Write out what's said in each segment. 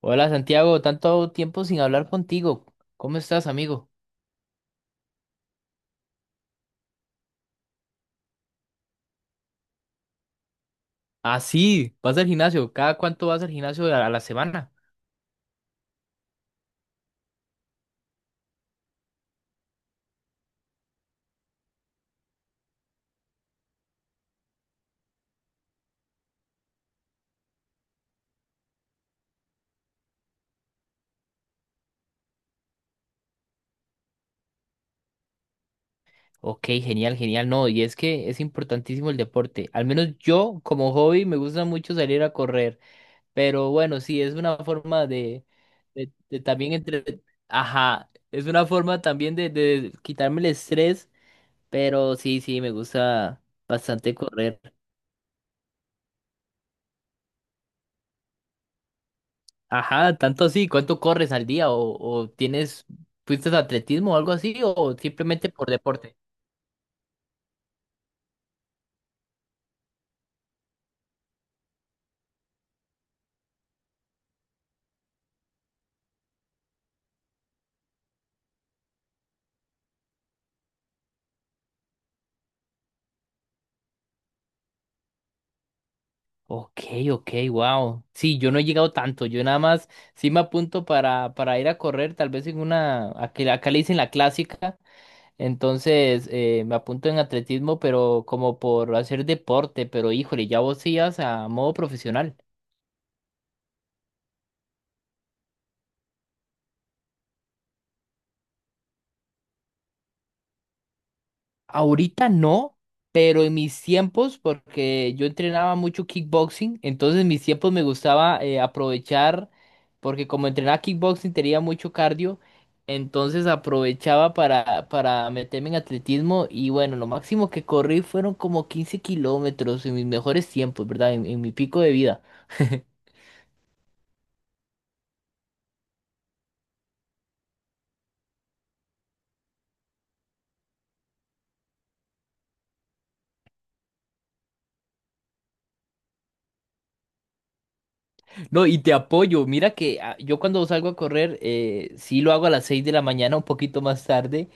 Hola Santiago, tanto tiempo sin hablar contigo. ¿Cómo estás, amigo? Ah, sí, vas al gimnasio. ¿Cada cuánto vas al gimnasio a la semana? Ok, genial, genial. No, y es que es importantísimo el deporte. Al menos yo, como hobby, me gusta mucho salir a correr. Pero bueno, sí, es una forma de también entre... Ajá, es una forma también de quitarme el estrés. Pero sí, sí, me gusta bastante correr. Ajá, tanto así, ¿cuánto corres al día? O tienes, fuiste de atletismo o algo así? ¿O simplemente por deporte? Ok, ok, wow. Sí, yo no he llegado tanto, yo nada más sí me apunto para ir a correr, tal vez en una, aquí- acá le dicen la clásica, entonces me apunto en atletismo, pero como por hacer deporte, pero híjole, ya vos sí ibas a modo profesional. Ahorita no, pero en mis tiempos, porque yo entrenaba mucho kickboxing, entonces en mis tiempos me gustaba aprovechar, porque como entrenaba kickboxing tenía mucho cardio, entonces aprovechaba para meterme en atletismo y bueno, lo máximo que corrí fueron como 15 kilómetros en mis mejores tiempos, ¿verdad? En mi pico de vida. No, y te apoyo. Mira que ah, yo cuando salgo a correr, sí lo hago a las 6 de la mañana, un poquito más tarde,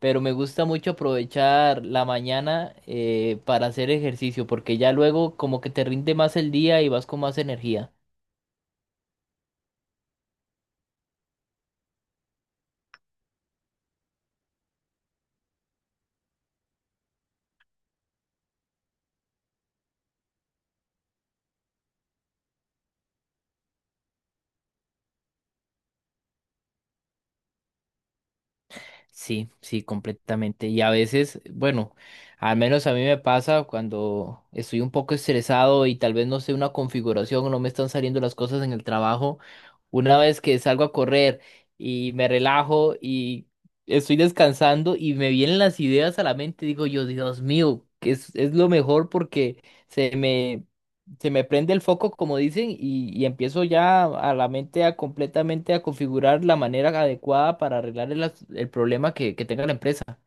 pero me gusta mucho aprovechar la mañana para hacer ejercicio, porque ya luego como que te rinde más el día y vas con más energía. Sí, sí, completamente. Y a veces, bueno, al menos a mí me pasa cuando estoy un poco estresado y tal vez no sé una configuración o no me están saliendo las cosas en el trabajo. Una vez que salgo a correr y me relajo y estoy descansando y me vienen las ideas a la mente, digo yo, Dios mío, que es lo mejor porque se me se me prende el foco, como dicen, y empiezo ya a la mente a completamente a configurar la manera adecuada para arreglar el, as- el problema que tenga la empresa.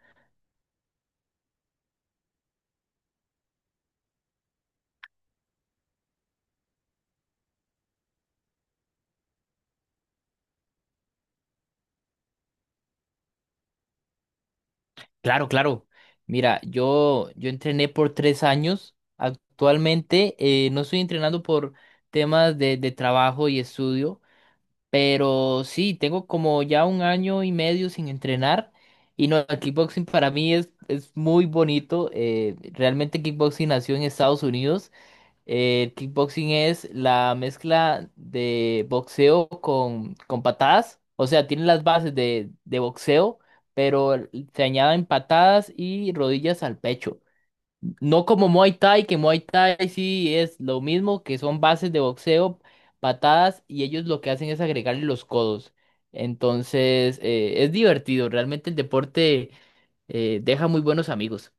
Claro, claro. Mira, yo entrené por 3 años. Actualmente no estoy entrenando por temas de trabajo y estudio, pero sí, tengo como ya 1 año y medio sin entrenar. Y no, el kickboxing para mí es muy bonito. Realmente kickboxing nació en Estados Unidos. El kickboxing es la mezcla de boxeo con patadas. O sea, tiene las bases de boxeo, pero se añaden patadas y rodillas al pecho. No como Muay Thai, que Muay Thai sí es lo mismo, que son bases de boxeo, patadas, y ellos lo que hacen es agregarle los codos. Entonces, es divertido. Realmente el deporte deja muy buenos amigos.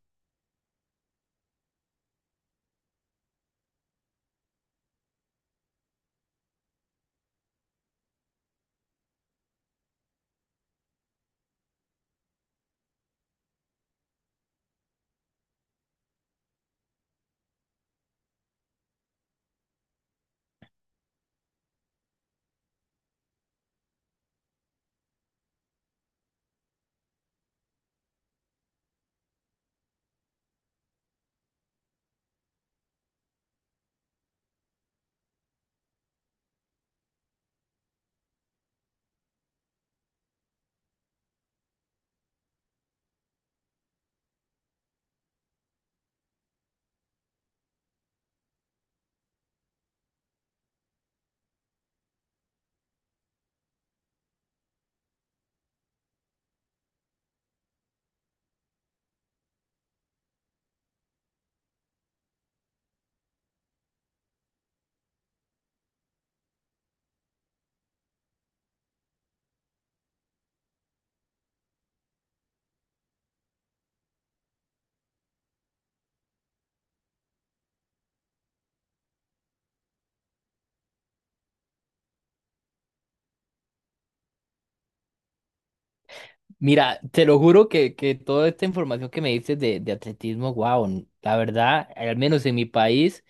Mira, te lo juro que toda esta información que me dices de atletismo, wow, la verdad, al menos en mi país,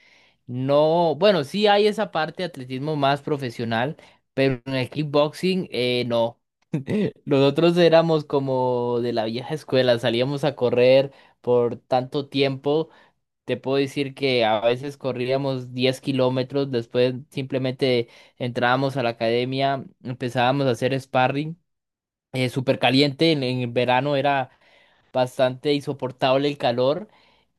no, bueno, sí hay esa parte de atletismo más profesional, pero en el kickboxing, no. Nosotros éramos como de la vieja escuela, salíamos a correr por tanto tiempo. Te puedo decir que a veces corríamos 10 kilómetros, después simplemente entrábamos a la academia, empezábamos a hacer sparring súper caliente, en el verano era bastante insoportable el calor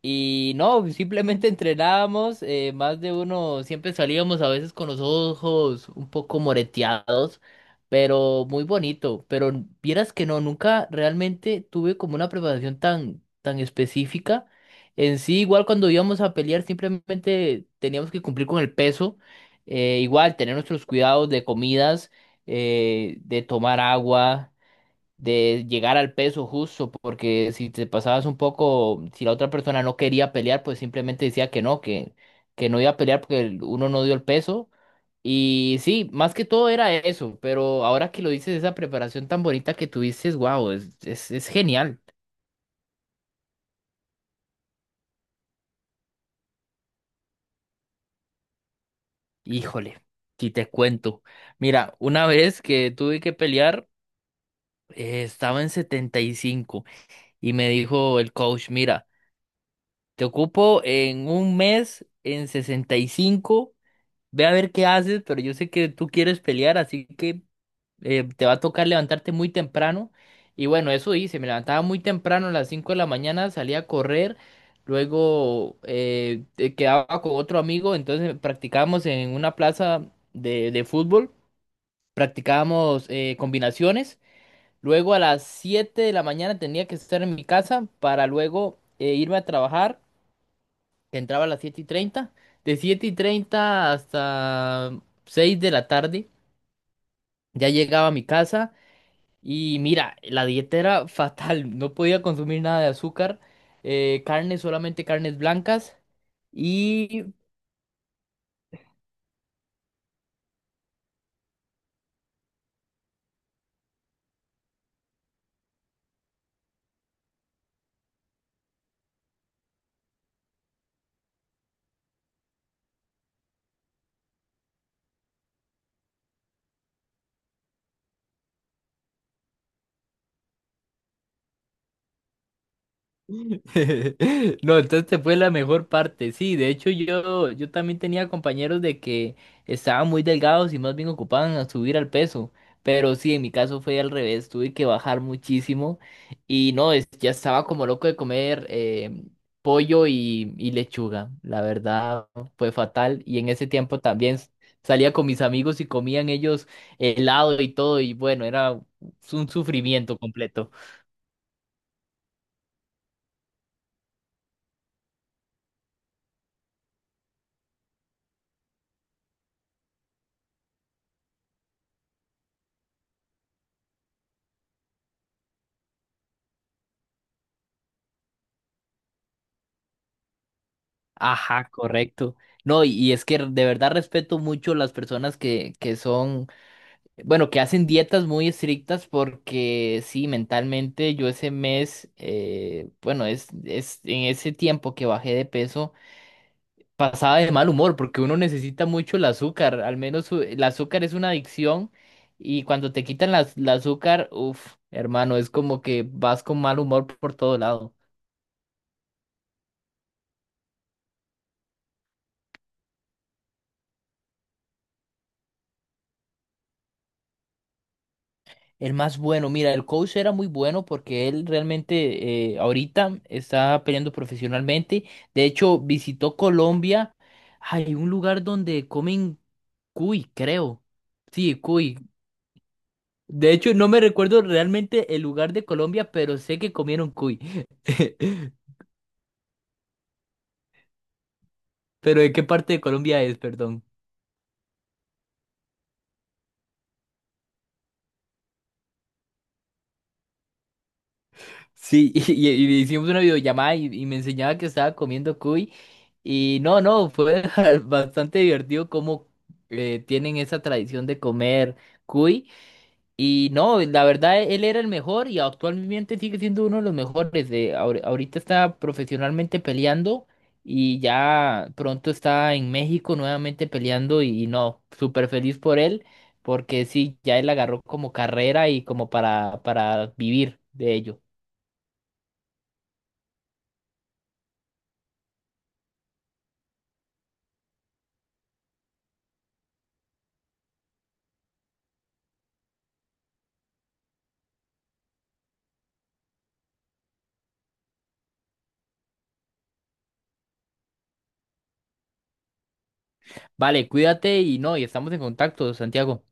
y no, simplemente entrenábamos, más de uno, siempre salíamos a veces con los ojos un poco moreteados, pero muy bonito, pero n- vieras que no, nunca realmente tuve como una preparación tan, tan específica. En sí, igual cuando íbamos a pelear, simplemente teníamos que cumplir con el peso, igual tener nuestros cuidados de comidas, de tomar agua de llegar al peso justo, porque si te pasabas un poco, si la otra persona no quería pelear, pues simplemente decía que no iba a pelear porque el- uno no dio el peso. Y sí, más que todo era eso, pero ahora que lo dices, esa preparación tan bonita que tuviste, wow, es genial. Híjole, si te cuento. Mira, una vez que tuve que pelear, estaba en 75 y me dijo el coach, mira, te ocupo en un mes en 65. Ve a ver qué haces, pero yo sé que tú quieres pelear, así que te va a tocar levantarte muy temprano. Y bueno, eso hice, me levantaba muy temprano a las 5 de la mañana, salía a correr, luego quedaba con otro amigo, entonces practicábamos en una plaza de fútbol, practicábamos combinaciones, luego a las 7 de la mañana tenía que estar en mi casa para luego irme a trabajar que entraba a las 7:30. De 7:30 hasta 6 de la tarde ya llegaba a mi casa y mira, la dieta era fatal, no podía consumir nada de azúcar, carne, solamente carnes blancas. Y no, entonces fue la mejor parte. Sí, de hecho yo también tenía compañeros de que estaban muy delgados y más bien ocupaban a subir al peso. Pero sí, en mi caso fue al revés, tuve que bajar muchísimo y no, es- ya estaba como loco de comer pollo y lechuga. La verdad fue fatal y en ese tiempo también salía con mis amigos y comían ellos helado y todo y bueno, era un sufrimiento completo. Ajá, correcto. No, y es que de verdad respeto mucho las personas que son, bueno, que hacen dietas muy estrictas porque sí, mentalmente yo ese mes, bueno, es en ese tiempo que bajé de peso, pasaba de mal humor porque uno necesita mucho el azúcar, al menos u- el azúcar es una adicción y cuando te quitan la, el azúcar, uff, hermano, es como que vas con mal humor por todo lado. El más bueno, mira, el coach era muy bueno porque él realmente ahorita está peleando profesionalmente. De hecho, visitó Colombia. Hay un lugar donde comen cuy, creo. Sí, cuy. De hecho, no me recuerdo realmente el lugar de Colombia, pero sé que comieron cuy. Pero ¿de qué parte de Colombia es, perdón? Sí, y hicimos una videollamada y me enseñaba que estaba comiendo cuy. Y no, no, fue bastante divertido cómo tienen esa tradición de comer cuy. Y no, la verdad, él era el mejor y actualmente sigue siendo uno de los mejores. Ahorita está profesionalmente peleando y ya pronto está en México nuevamente peleando. Y no, súper feliz por él, porque sí, ya él agarró como carrera y como para vivir de ello. Vale, cuídate y no, y estamos en contacto, Santiago.